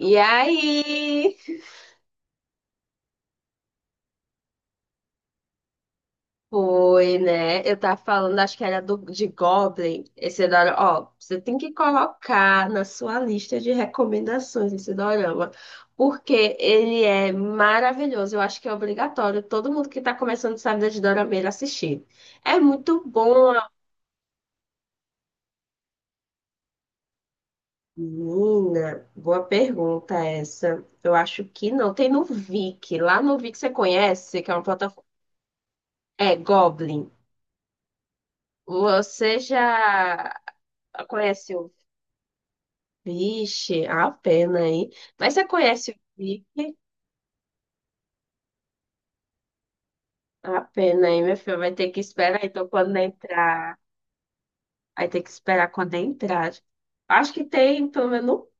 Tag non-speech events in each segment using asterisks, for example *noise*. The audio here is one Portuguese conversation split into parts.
E aí, foi, né? Eu tava falando, acho que era de Goblin. Esse dorama, ó, você tem que colocar na sua lista de recomendações esse dorama, porque ele é maravilhoso. Eu acho que é obrigatório todo mundo que tá começando essa vida de dorameira assistir. É muito bom, menina. Boa pergunta essa. Eu acho que não. Tem no Viki. Lá no Viki você conhece, que é uma plataforma. É Goblin. Você já Conhece o Vixe? A pena, aí. Mas você conhece o Vic? A pena, aí, meu filho? Vai ter que esperar, então, quando entrar. Vai ter que esperar quando entrar. Acho que tem, pelo menos, no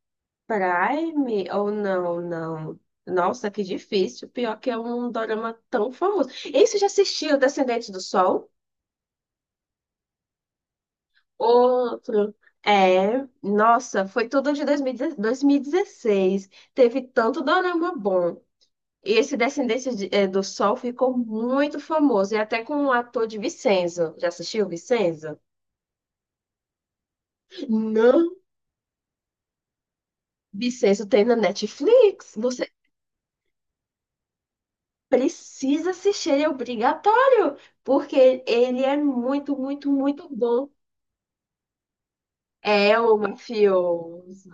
Prime. Ou não, não. Nossa, que difícil. Pior que é um dorama tão famoso. E você já assistiu Descendente do Sol? Outro. É, nossa, foi tudo de 2010 2016. Teve tanto dorama bom. E esse do Sol ficou muito famoso, e até com um ator de Vincenzo. Já assistiu Vincenzo? Não. Vincenzo tem na Netflix. Você precisa assistir, ele é obrigatório, porque ele é muito, muito, muito bom. É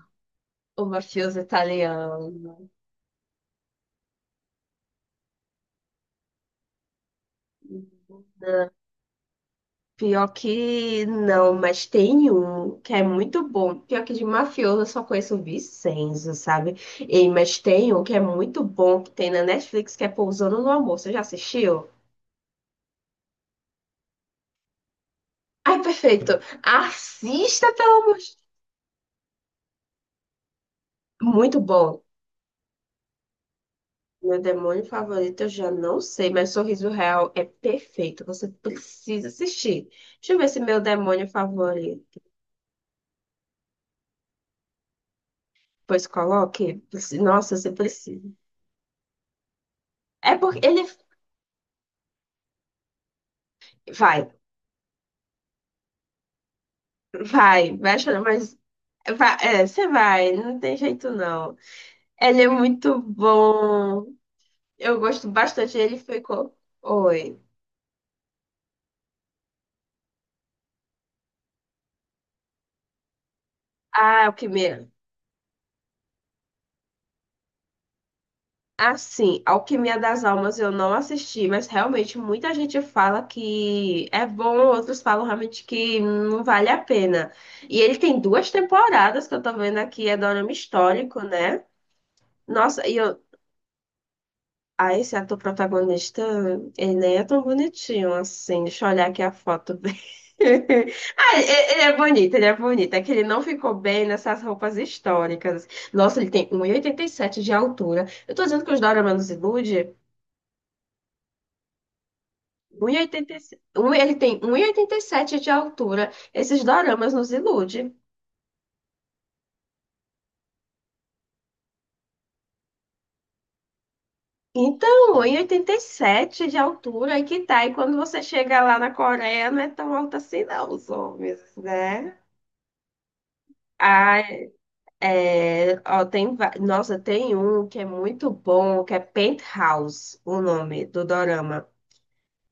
o mafioso italiano. Pior que não, mas tem um que é muito bom. Pior que de mafioso eu só conheço o Vincenzo, sabe? E, mas tem um que é muito bom que tem na Netflix que é Pousando no Amor. Você já assistiu? Ai, perfeito. Assista, pelo amor de Muito bom. Meu demônio favorito eu já não sei, mas Sorriso Real é perfeito. Você precisa assistir. Deixa eu ver se meu demônio favorito. Pois coloque. Nossa, você precisa. É porque ele vai. Vai, vai chorar, mas você vai, não tem jeito não. Ele é muito bom. Eu gosto bastante. Ele ficou. Oi. Ah, Alquimia. Assim, Alquimia das Almas eu não assisti, mas realmente muita gente fala que é bom, outros falam realmente que não vale a pena. E ele tem duas temporadas que eu tô vendo aqui, é dorama histórico, né? Nossa, e eu, ah, esse ator protagonista, ele nem é tão bonitinho assim. Deixa eu olhar aqui a foto dele. *laughs* Ah, ele é bonito, ele é bonito. É que ele não ficou bem nessas roupas históricas. Nossa, ele tem um e oitenta e sete de altura. Eu tô dizendo que os Dorama nos ilude? 1,87. Ele tem um e oitenta e sete de altura. Esses doramas nos iludem. Então, um e oitenta e sete de altura, e que tá? E quando você chega lá na Coreia, não é tão alto assim, não, os homens, né? É, ó, tem, nossa, tem um que é muito bom, que é Penthouse, o nome do dorama.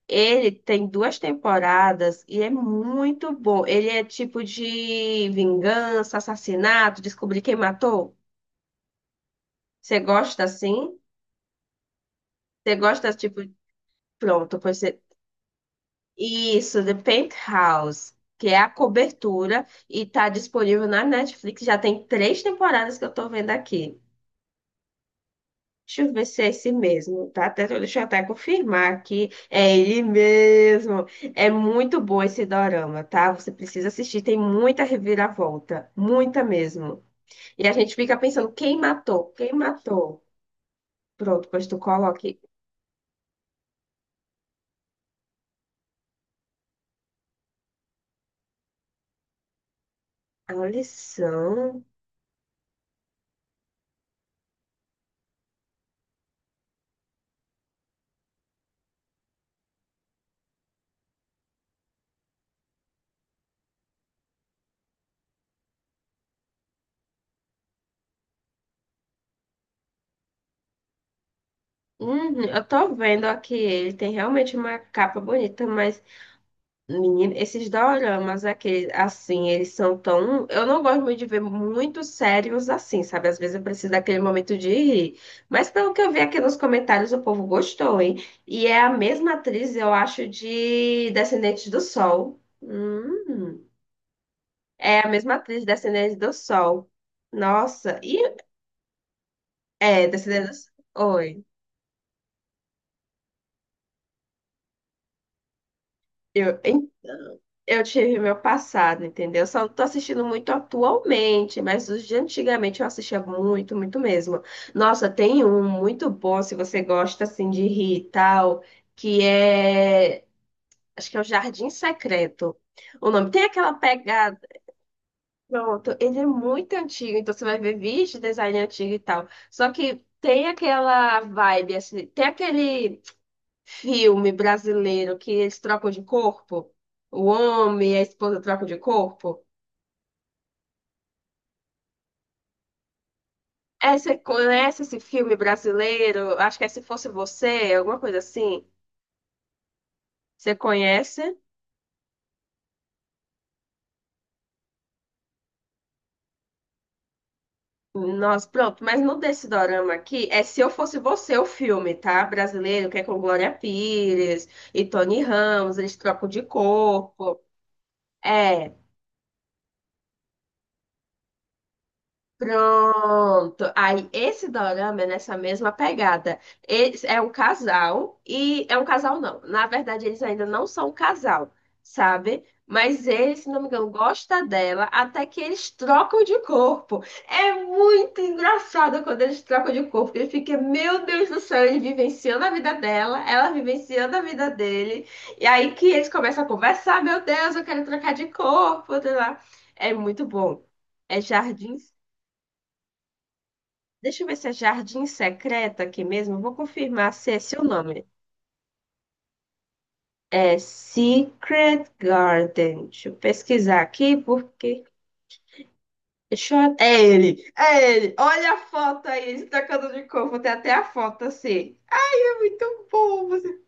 Ele tem duas temporadas e é muito bom. Ele é tipo de vingança, assassinato, descobrir quem matou. Você gosta assim? Você gosta tipo, pronto, pois você... Isso, The Penthouse, que é a cobertura e tá disponível na Netflix. Já tem três temporadas que eu tô vendo aqui. Deixa eu ver se é esse mesmo, tá? Deixa eu até confirmar aqui. É ele mesmo. É muito bom esse dorama, tá? Você precisa assistir, tem muita reviravolta, muita mesmo. E a gente fica pensando, quem matou? Quem matou? Pronto, pois tu coloque a lição. Uhum, eu tô vendo aqui, ele tem realmente uma capa bonita, mas menino, esses doramas, aqueles, assim, eles são tão. Eu não gosto muito de ver muito sérios assim, sabe? Às vezes eu preciso daquele momento de rir. Mas pelo que eu vi aqui nos comentários, o povo gostou, hein? E é a mesma atriz, eu acho, de Descendentes do Sol. Hum. É a mesma atriz de Descendentes do Sol. Nossa, e. É, Descendentes do Sol. Oi. Eu, Eu tive meu passado, entendeu? Eu só não tô assistindo muito atualmente, mas os de antigamente eu assistia muito, muito mesmo. Nossa, tem um muito bom, se você gosta assim de rir e tal, que é, acho que é o Jardim Secreto. O nome tem aquela pegada. Pronto, ele é muito antigo, então você vai ver vídeos de design antigo e tal. Só que tem aquela vibe assim, tem aquele filme brasileiro que eles trocam de corpo. O homem e a esposa trocam de corpo. É, você conhece esse filme brasileiro? Acho que é Se Fosse Você, alguma coisa assim. Você conhece? Nossa, pronto. Mas no desse dorama aqui, é Se Eu Fosse Você o filme, tá? Brasileiro, que é com Glória Pires e Tony Ramos, eles trocam de corpo. É. Pronto. Aí, esse dorama é nessa mesma pegada. Eles, é um casal, e é um casal não. Na verdade, eles ainda não são um casal, sabe? Mas ele, se não me engano, gosta dela até que eles trocam de corpo. É muito engraçado quando eles trocam de corpo. Ele fica, meu Deus do céu, ele vivenciando a vida dela, ela vivenciando a vida dele. E aí que eles começam a conversar, meu Deus, eu quero trocar de corpo, sei lá. É muito bom. É Jardim. Deixa eu ver se é Jardim Secreto aqui mesmo. Vou confirmar se é esse o nome. É Secret Garden. Deixa eu pesquisar aqui, porque. Deixa eu... É ele! É ele! Olha a foto aí, ele se tacando de corpo. Vou ter até a foto assim. É muito bom você.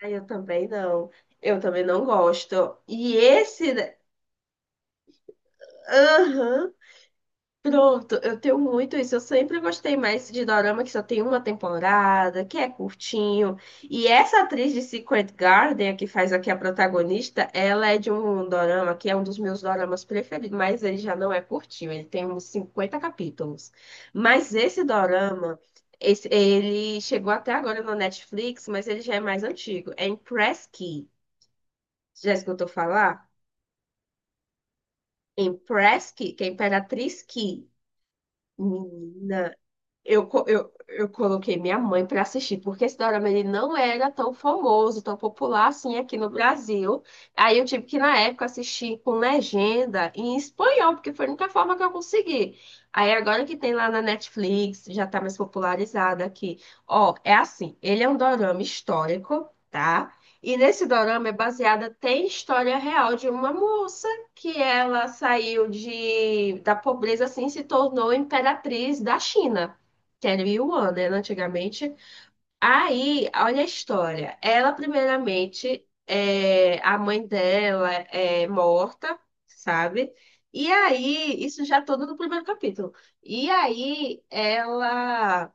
Ah, eu também não. Eu também não gosto. E esse. Aham. Pronto, eu tenho muito isso. Eu sempre gostei mais de dorama que só tem uma temporada, que é curtinho. E essa atriz de Secret Garden, que faz aqui a protagonista, ela é de um dorama que é um dos meus doramas preferidos, mas ele já não é curtinho, ele tem uns 50 capítulos. Mas esse dorama, ele chegou até agora no Netflix, mas ele já é mais antigo. É Empress Ki. Já escutou falar? Empress Ki, que é Imperatriz Ki. Menina. Eu coloquei minha mãe para assistir, porque esse dorama ele não era tão famoso, tão popular assim aqui no Brasil. Aí eu tive que, na época, assistir com legenda em espanhol, porque foi a única forma que eu consegui. Aí agora que tem lá na Netflix, já tá mais popularizado aqui. Ó, é assim, ele é um dorama histórico, tá? E nesse dorama é baseada, tem história real de uma moça que ela saiu da pobreza assim e se tornou imperatriz da China que era Yuan, né, antigamente. Aí, olha a história. Ela, primeiramente, é, a mãe dela é morta, sabe? E aí, isso já todo no primeiro capítulo. E aí, ela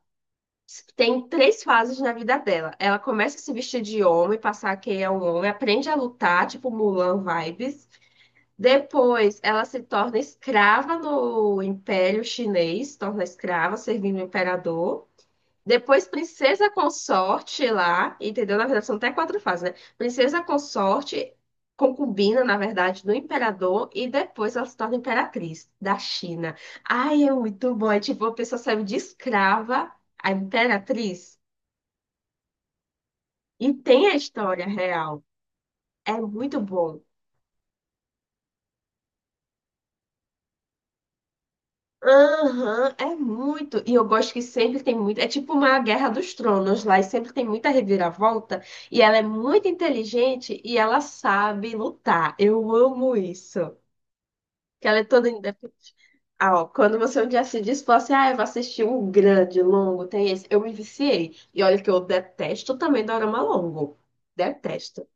tem três fases na vida dela. Ela começa a se vestir de homem, passar que é um homem, aprende a lutar, tipo Mulan vibes. Depois, ela se torna escrava no Império Chinês, torna escrava, servindo o imperador. Depois Princesa Consorte lá, entendeu? Na verdade, são até quatro fases, né? Princesa Consorte, concubina, na verdade, do imperador, e depois ela se torna imperatriz da China. Ai, é muito bom. É tipo, a pessoa serve de escrava a imperatriz e tem a história real. É muito bom. Aham, é muito. E eu gosto que sempre tem muito. É tipo uma Guerra dos Tronos lá, e sempre tem muita reviravolta. E ela é muito inteligente e ela sabe lutar. Eu amo isso. Que ela é toda independente. Ah, ó, quando você um dia se diz, fala assim: ah, eu vou assistir um grande, longo, tem esse. Eu me viciei. E olha que eu detesto também dorama longo. Detesto.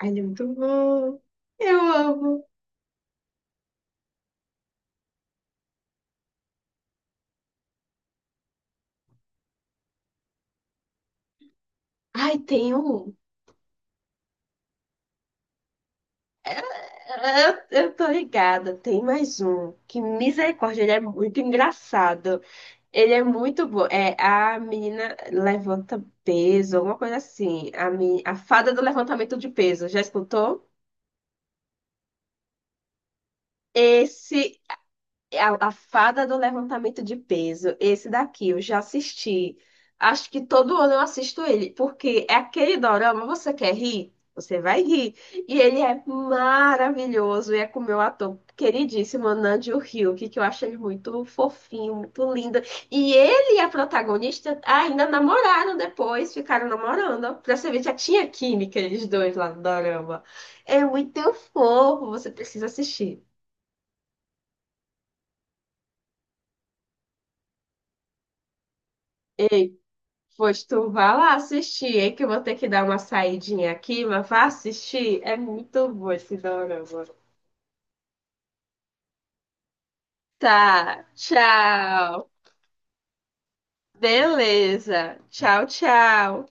Ai, ele é muito bom. Eu amo. Ai, tem um. Eu tô ligada, tem mais um. Que misericórdia, ele é muito engraçado. Ele é muito bom. É, a menina levanta peso, alguma coisa assim. A fada do levantamento de peso, já escutou? Esse É a Fada do Levantamento de Peso, esse daqui eu já assisti. Acho que todo ano eu assisto ele, porque é aquele dorama, você quer rir? Você vai rir. E ele é maravilhoso, e é com o meu ator queridíssimo, Namjoon Hyuk, que eu acho ele muito fofinho, muito lindo. E ele e a protagonista ainda namoraram depois, ficaram namorando. Pra você ver, já tinha química eles dois lá no dorama. É muito fofo, você precisa assistir. Pois tu vá lá assistir, hein? Que eu vou ter que dar uma saidinha aqui, mas vá assistir. É muito bom esse dorama. Tá, tchau. Beleza. Tchau, tchau.